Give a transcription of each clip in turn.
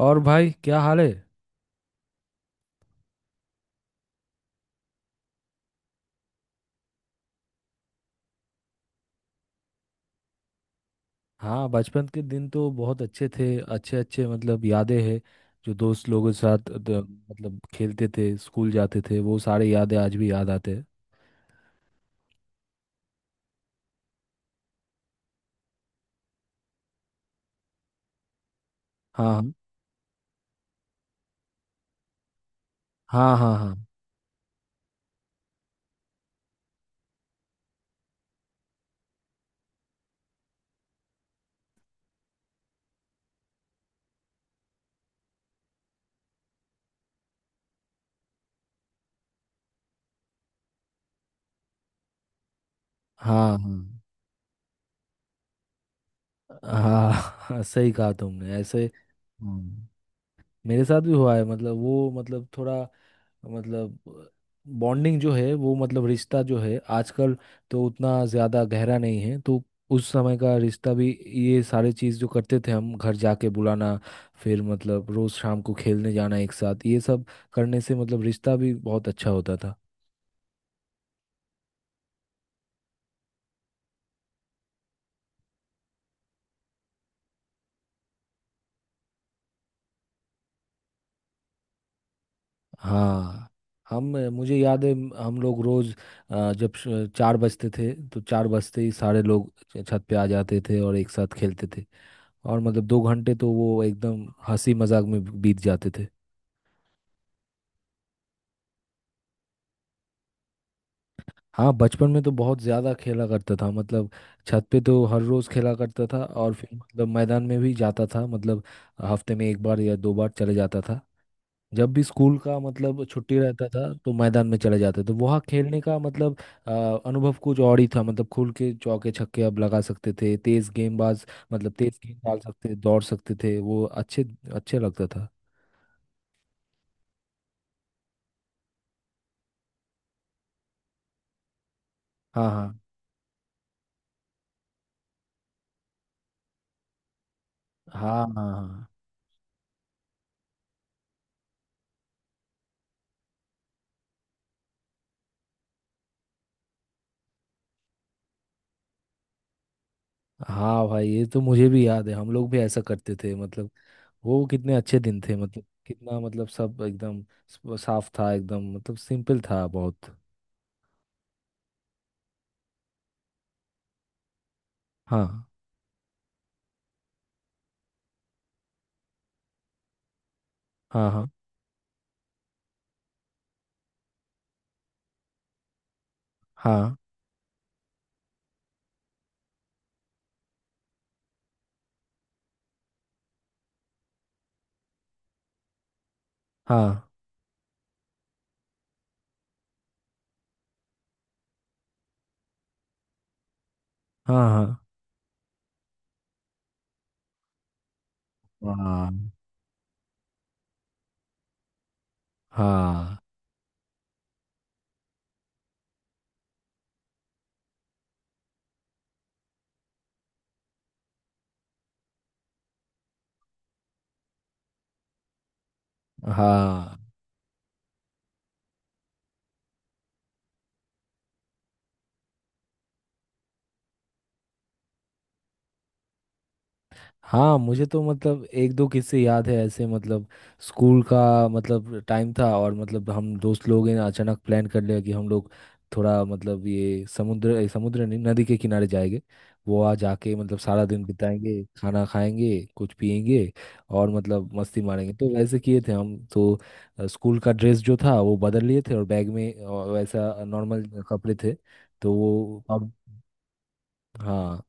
और भाई क्या हाल है? हाँ, बचपन के दिन तो बहुत अच्छे थे। अच्छे अच्छे मतलब यादें हैं। जो दोस्त लोगों के साथ मतलब खेलते थे, स्कूल जाते थे, वो सारे यादें आज भी याद आते हैं। हाँ, हाँ, हाँ, हाँ, हाँ, हाँ, हाँ, हाँ, सही कहा तुमने ऐसे। मेरे साथ भी हुआ है मतलब वो मतलब थोड़ा मतलब बॉन्डिंग जो है वो मतलब रिश्ता जो है आजकल तो उतना ज़्यादा गहरा नहीं है तो उस समय का रिश्ता भी, ये सारी चीज़ जो करते थे हम, घर जाके बुलाना, फिर मतलब रोज़ शाम को खेलने जाना एक साथ, ये सब करने से मतलब रिश्ता भी बहुत अच्छा होता था। हाँ। हम, मुझे याद है हम लोग रोज़ जब चार बजते थे तो चार बजते ही सारे लोग छत पे आ जाते थे और एक साथ खेलते थे। और मतलब दो घंटे तो वो एकदम हंसी मजाक में बीत जाते थे। हाँ, बचपन में तो बहुत ज़्यादा खेला करता था मतलब। छत पे तो हर रोज़ खेला करता था और फिर मतलब मैदान में भी जाता था मतलब हफ्ते में एक बार या दो बार चले जाता था। जब भी स्कूल का मतलब छुट्टी रहता था तो मैदान में चले जाते, तो वहाँ खेलने का मतलब अ, अनुभव कुछ और ही था। मतलब खुल के चौके छक्के अब लगा सकते थे, तेज़ गेंदबाज मतलब तेज़ गेंद डाल सकते, दौड़ सकते थे, वो अच्छे अच्छे लगता था। हाँ, हाँ, हाँ, हाँ, हाँ, हाँ, भाई ये तो मुझे भी याद है, हम लोग भी ऐसा करते थे मतलब। वो कितने अच्छे दिन थे मतलब, कितना मतलब सब एकदम साफ था, एकदम मतलब सिंपल था बहुत। हाँ, हाँ, हाँ, हाँ, हाँ, हाँ, हाँ, हाँ, हाँ, हाँ, हाँ, हाँ, मुझे तो मतलब एक दो किस्से याद है ऐसे मतलब स्कूल का मतलब टाइम था और मतलब हम दोस्त लोग हैं अचानक प्लान कर लिया कि हम लोग थोड़ा मतलब ये समुद्र समुद्र नहीं, नदी के किनारे जाएंगे। वहाँ जाके मतलब सारा दिन बिताएंगे, खाना खाएंगे, कुछ पिएंगे और मतलब मस्ती मारेंगे, तो वैसे किए थे हम तो। स्कूल का ड्रेस जो था वो बदल लिए थे और बैग में वैसा नॉर्मल कपड़े थे, तो वो अब। हाँ,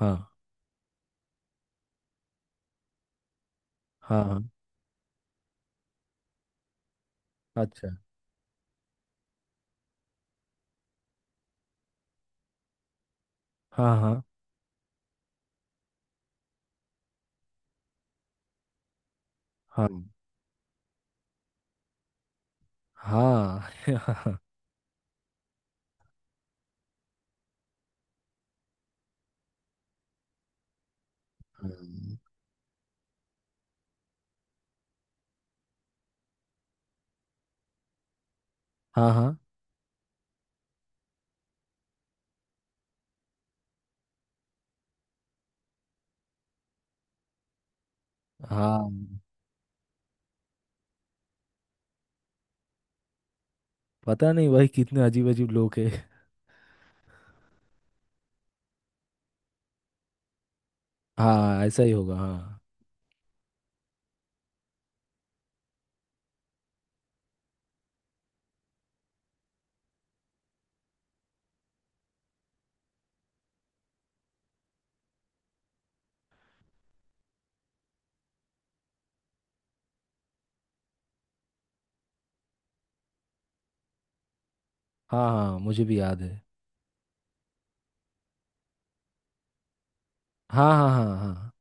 हाँ, हाँ, हाँ, अच्छा, हाँ, हाँ, हाँ, हाँ, हम्म, हाँ, हाँ, हाँ, पता नहीं भाई कितने अजीब अजीब लोग हैं। हाँ, ऐसा ही होगा, हाँ, हाँ, हाँ, मुझे भी याद है, हाँ, हाँ, हाँ, हाँ,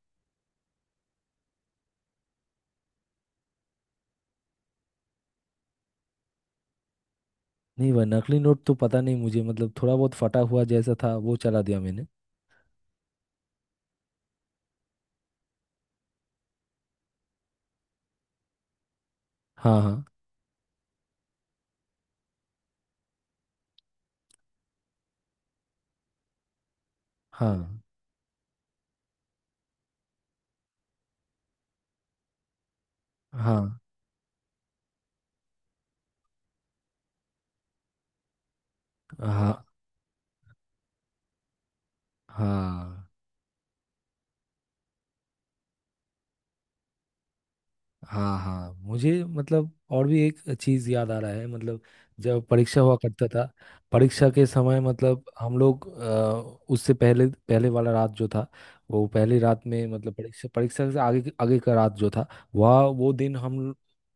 नहीं, वह नकली नोट तो पता नहीं, मुझे मतलब थोड़ा बहुत फटा हुआ जैसा था वो चला दिया मैंने। हाँ, हाँ, हाँ, हाँ, हाँ, हाँ, हाँ, हाँ, मुझे मतलब और भी एक चीज याद आ रहा है मतलब, जब परीक्षा हुआ करता था। परीक्षा के समय मतलब हम लोग उससे पहले पहले वाला रात जो था, वो पहली रात में मतलब परीक्षा, परीक्षा से आगे आगे का रात जो था, वह वो दिन हम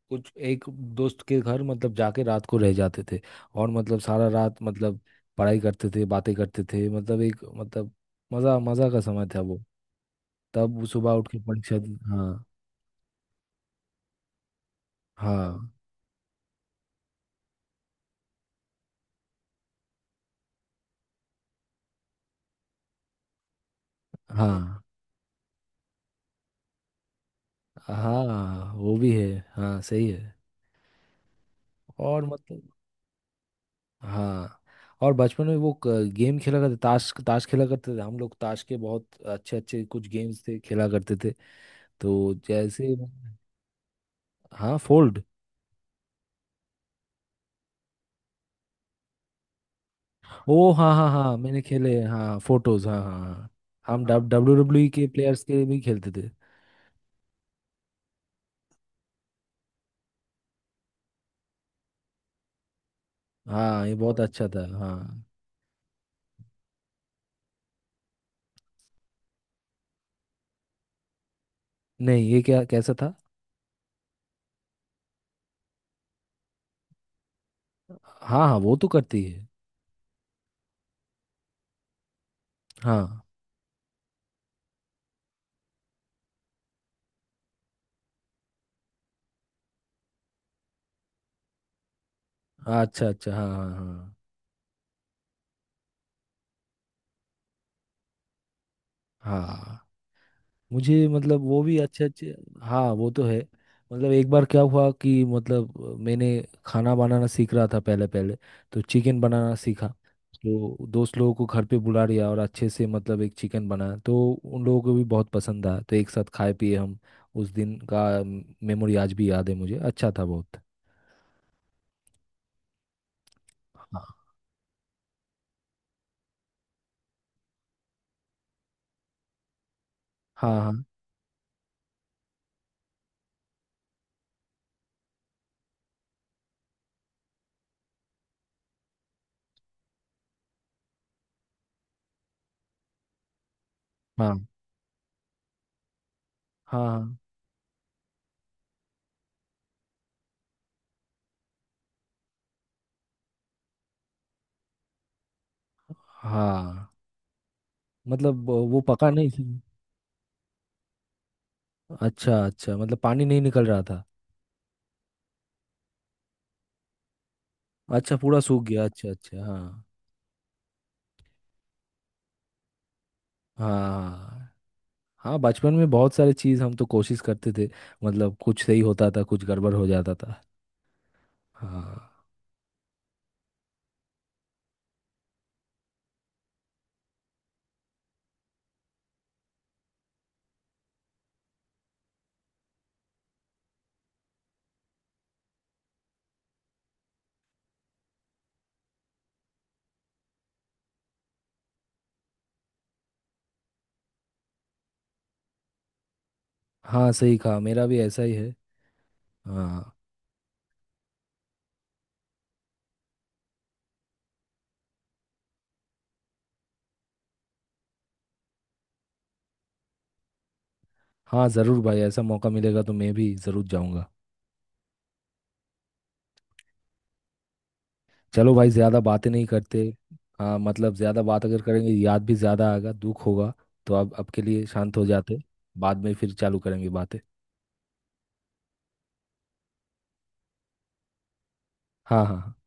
कुछ एक दोस्त के घर मतलब जाके रात को रह जाते थे। और मतलब सारा रात मतलब पढ़ाई करते थे, बातें करते थे, मतलब एक मतलब मजा मजा का समय था वो। तब सुबह उठ के परीक्षा हाँ, हाँ, हाँ, हाँ, वो भी है, हाँ सही है। और मतलब हाँ, और बचपन में वो गेम खेला करते, ताश ताश खेला करते थे हम लोग, ताश के बहुत अच्छे अच्छे कुछ गेम्स थे खेला करते थे तो जैसे। हाँ फोल्ड। ओ हाँ, हाँ, हाँ, मैंने खेले हाँ, फोटोज, हाँ, हाँ, हाँ, हम हाँ, डब्ल्यू डब्ल्यू के प्लेयर्स के भी खेलते थे। हाँ, ये बहुत और अच्छा था, हाँ। नहीं, ये क्या कैसा था? हाँ, हाँ, वो तो करती है। हाँ, हाँ, अच्छा अच्छा, हाँ, हाँ, हाँ, हाँ, मुझे मतलब वो भी अच्छे अच्छे, हाँ वो तो है। मतलब एक बार क्या हुआ कि मतलब मैंने खाना बनाना सीख रहा था पहले पहले, तो चिकन बनाना सीखा, तो दोस्त लोगों को घर पे बुला लिया और अच्छे से मतलब एक चिकन बनाया तो उन लोगों को भी बहुत पसंद आया, तो एक साथ खाए पिए हम। उस दिन का मेमोरी आज भी याद है मुझे, अच्छा था बहुत। हाँ, हाँ, हाँ, हाँ, हाँ, हाँ, मतलब वो पका नहीं थी। अच्छा अच्छा, मतलब पानी नहीं निकल रहा था? अच्छा पूरा सूख गया, अच्छा अच्छा, हाँ, हाँ, हाँ, बचपन में बहुत सारी चीज़ हम तो कोशिश करते थे मतलब, कुछ सही होता था कुछ गड़बड़ हो जाता था। हाँ, हाँ, सही कहा, मेरा भी ऐसा ही है। हाँ, हाँ, ज़रूर भाई, ऐसा मौका मिलेगा तो मैं भी ज़रूर जाऊँगा। चलो भाई, ज़्यादा बातें नहीं करते। हाँ, मतलब ज़्यादा बात अगर करेंगे याद भी ज़्यादा आएगा, दुख होगा। तो अब के लिए शांत हो जाते। बाद में फिर चालू करेंगे बातें। हाँ, हाँ, हाँ।